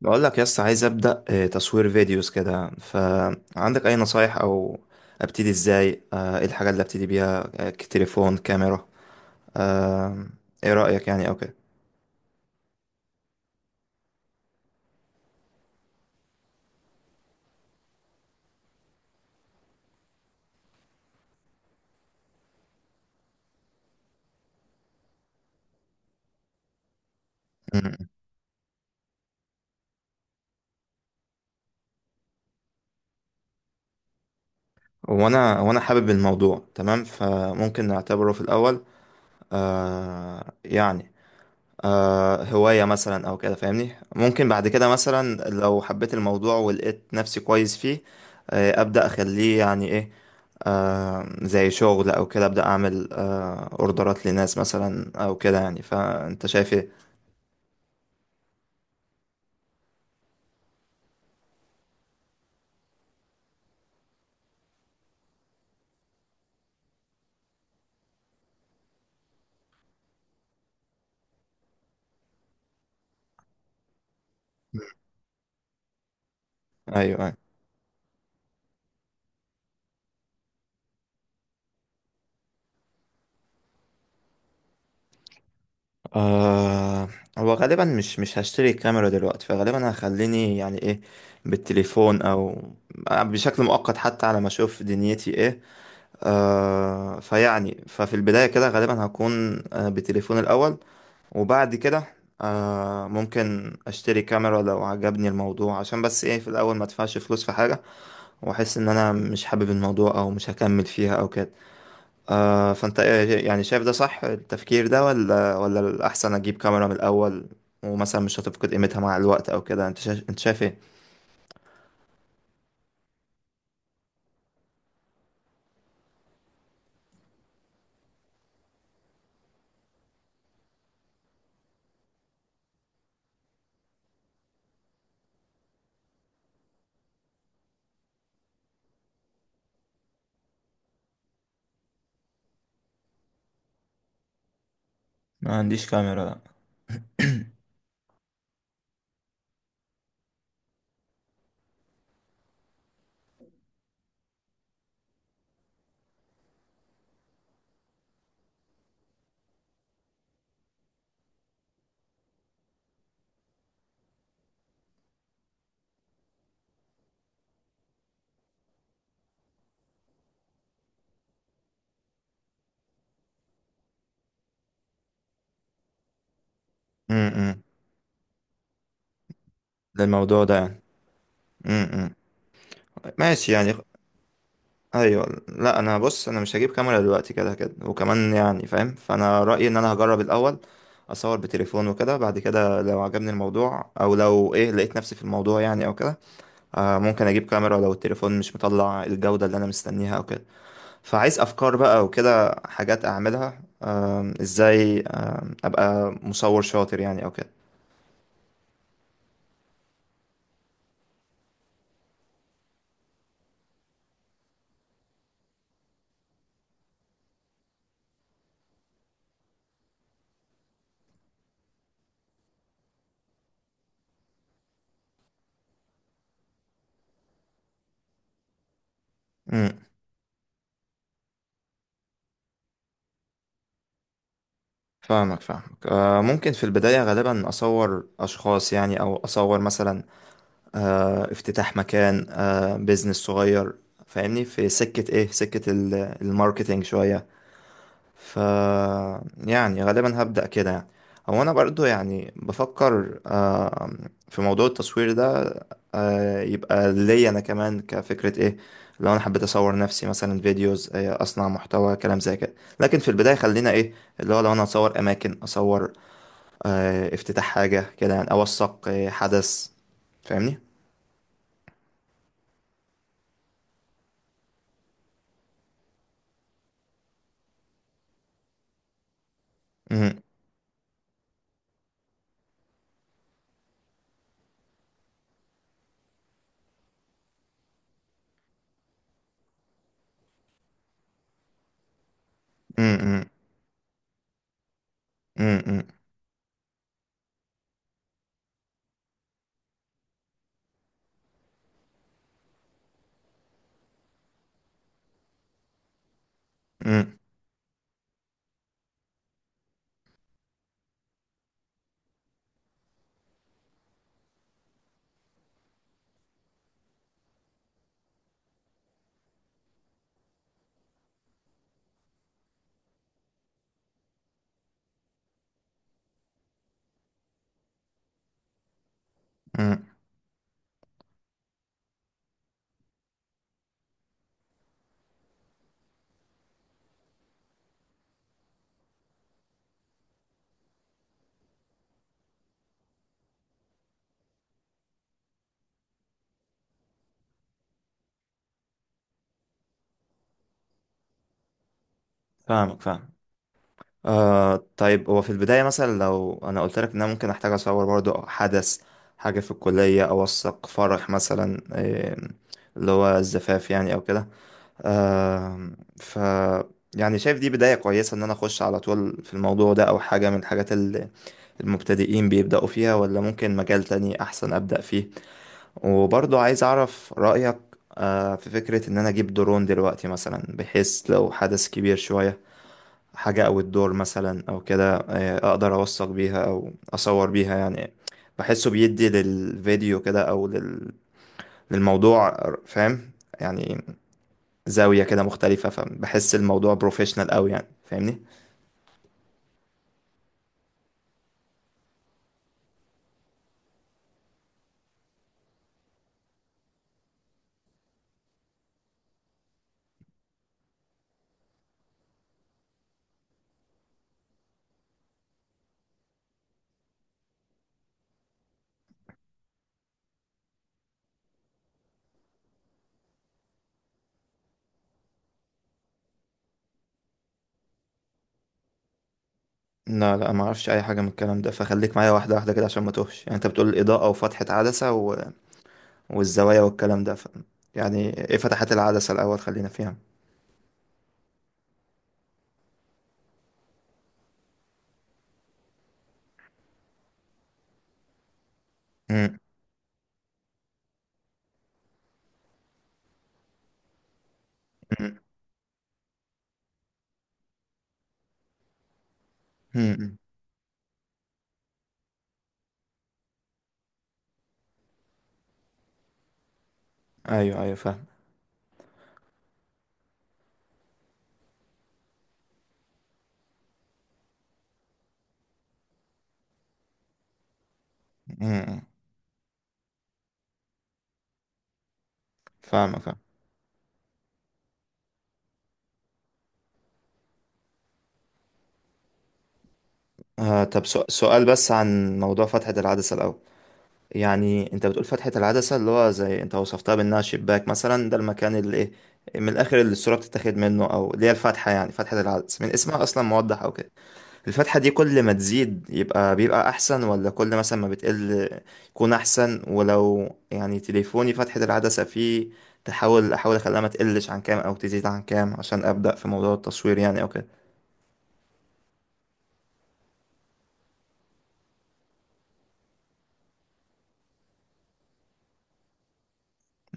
بقول لك يس عايز ابدا تصوير فيديوز كده، فعندك اي نصايح او ابتدي ازاي؟ ايه الحاجه اللي ابتدي بيها؟ تليفون، كاميرا؟ آه، ايه رايك يعني او كده؟ مم. وانا حابب الموضوع تمام، فممكن نعتبره في الاول آه، يعني هواية مثلا أو كده، فاهمني؟ ممكن بعد كده مثلا لو حبيت الموضوع ولقيت نفسي كويس فيه أبدأ أخليه يعني إيه، زي شغل أو كده، أبدأ أعمل أوردرات لناس مثلا أو كده يعني. فأنت شايف إيه؟ أيوه، أيوه. آه، هو غالبا مش هشتري الكاميرا دلوقتي، فغالبا هخليني يعني إيه، بالتليفون أو بشكل مؤقت حتى على ما أشوف دنيتي إيه. فيعني ففي البداية كده غالبا هكون بتليفون الأول، وبعد كده ممكن أشتري كاميرا لو عجبني الموضوع، عشان بس إيه، في الأول ما أدفعش فلوس في حاجة وأحس إن أنا مش حابب الموضوع أو مش هكمل فيها أو كده. فأنت إيه يعني، شايف ده صح التفكير ده ولا الأحسن أجيب كاميرا من الأول، ومثلا مش هتفقد قيمتها مع الوقت أو كده؟ أنت شايف إيه؟ ما عنديش كاميرا، لا. امم. للموضوع ده يعني. امم. ماشي يعني. ايوه، لا انا بص انا مش هجيب كاميرا دلوقتي، كده كده، وكمان يعني فاهم. فانا رايي ان انا هجرب الاول، اصور بتليفون وكده، بعد كده لو عجبني الموضوع او لو ايه لقيت نفسي في الموضوع يعني او كده ممكن اجيب كاميرا لو التليفون مش مطلع الجوده اللي انا مستنيها او كده. فعايز افكار بقى وكده، حاجات اعملها ازاي ابقى مصور شاطر يعني او كده. امم. فاهمك، فاهمك. ممكن في البداية غالبا أصور أشخاص يعني، أو أصور مثلا افتتاح مكان، بيزنس صغير، فاهمني؟ في سكة ايه، في سكة الماركتينج شوية. ف يعني غالبا هبدأ كده يعني. هو انا برضو يعني بفكر في موضوع التصوير ده، يبقى ليا انا كمان كفكرة ايه، لو انا حبيت اصور نفسي مثلا فيديوز، اصنع محتوى كلام زي كده. لكن في البداية خلينا ايه، اللي هو لو انا اصور اماكن، اصور افتتاح حاجة كده يعني، اوثق حدث، فاهمني؟ امم. امم. امم. امم. فاهمك، فاهم. طيب هو في البداية مثلا لو أنا قلت لك إن أنا ممكن أحتاج أصور برضو حدث، حاجة في الكلية، أوثق فرح مثلا اللي هو الزفاف يعني أو كده. آم، ف يعني شايف دي بداية كويسة ان انا اخش على طول في الموضوع ده، او حاجة من الحاجات اللي المبتدئين بيبدأوا فيها، ولا ممكن مجال تاني احسن ابدأ فيه؟ وبرضه عايز اعرف رأيك في فكرة ان انا اجيب درون دلوقتي مثلا، بحيث لو حدث كبير شوية، حاجة او الدور مثلا او كده، اقدر اوثق بيها او اصور بيها يعني، بحسه بيدي للفيديو كده او للموضوع، فاهم؟ يعني زاوية كده مختلفة، فبحس الموضوع بروفيشنال قوي يعني، فاهمني؟ لا، لا، ما اعرفش اي حاجة من الكلام ده، فخليك معايا واحدة واحدة كده عشان ما توهش يعني. انت بتقول الإضاءة وفتحة عدسة والزوايا والكلام ده يعني ايه فتحات العدسة؟ الأول خلينا فيها. مم. مم. مم. ايوه، ايوه، فاهم. مم. فاهمك، فاهم. طب سؤال بس عن موضوع فتحة العدسة الأول. يعني انت بتقول فتحة العدسة اللي هو زي انت وصفتها بانها شباك مثلا، ده المكان اللي ايه، من الاخر اللي الصورة بتتاخد منه، او اللي هي الفتحة، يعني فتحة العدسة من اسمها اصلا موضح او كده. الفتحة دي كل ما تزيد يبقى بيبقى احسن، ولا كل مثلا ما بتقل يكون احسن؟ ولو يعني تليفوني فتحة العدسة فيه، احاول اخليها ما تقلش عن كام او تزيد عن كام عشان ابدأ في موضوع التصوير يعني او كده؟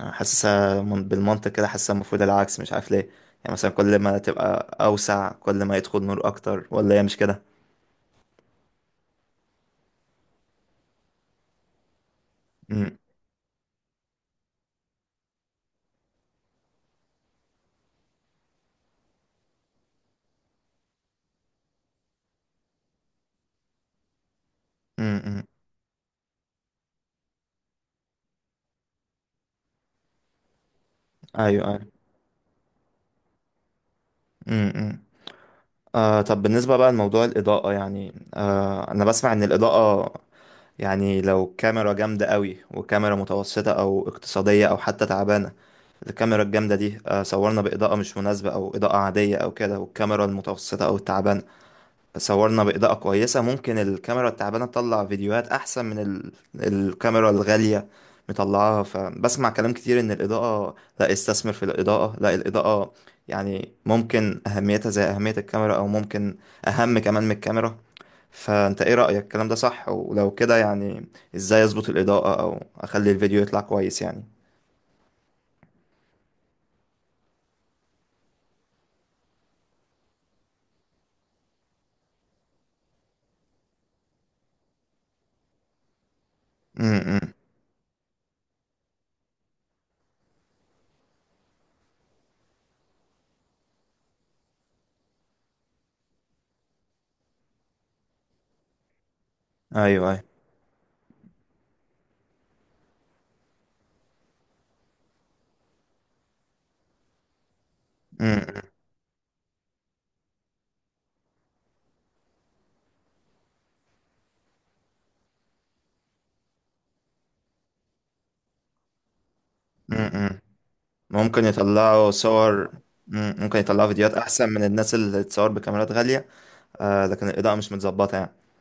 حاسسها بالمنطق كده، حاسسها المفروض العكس، مش عارف ليه. يعني مثلا كل ما تبقى أوسع كل ما يدخل نور أكتر، ولا هي مش كده؟ امم. امم. أيوه، أيوه. امم. طب بالنسبة بقى لموضوع الإضاءة يعني، أنا بسمع إن الإضاءة يعني، لو كاميرا جامدة قوي وكاميرا متوسطة أو اقتصادية أو حتى تعبانة، الكاميرا الجامدة دي صورنا بإضاءة مش مناسبة أو إضاءة عادية أو كده، والكاميرا المتوسطة أو التعبانة صورنا بإضاءة كويسة، ممكن الكاميرا التعبانة تطلع فيديوهات أحسن من الكاميرا الغالية مطلعاها. فبسمع كلام كتير إن الإضاءة، لا استثمر في الإضاءة، لا الإضاءة يعني ممكن أهميتها زي أهمية الكاميرا أو ممكن أهم كمان من الكاميرا. فأنت إيه رأيك، الكلام ده صح؟ ولو كده يعني إزاي أظبط الإضاءة أو أخلي الفيديو يطلع كويس يعني؟ امم. ايوه، ايوه. امم. ممكن يطلعوا صور، مم، ممكن يطلعوا فيديوهات احسن من الناس اللي تصور بكاميرات غالية. لكن الإضاءة مش متظبطة يعني.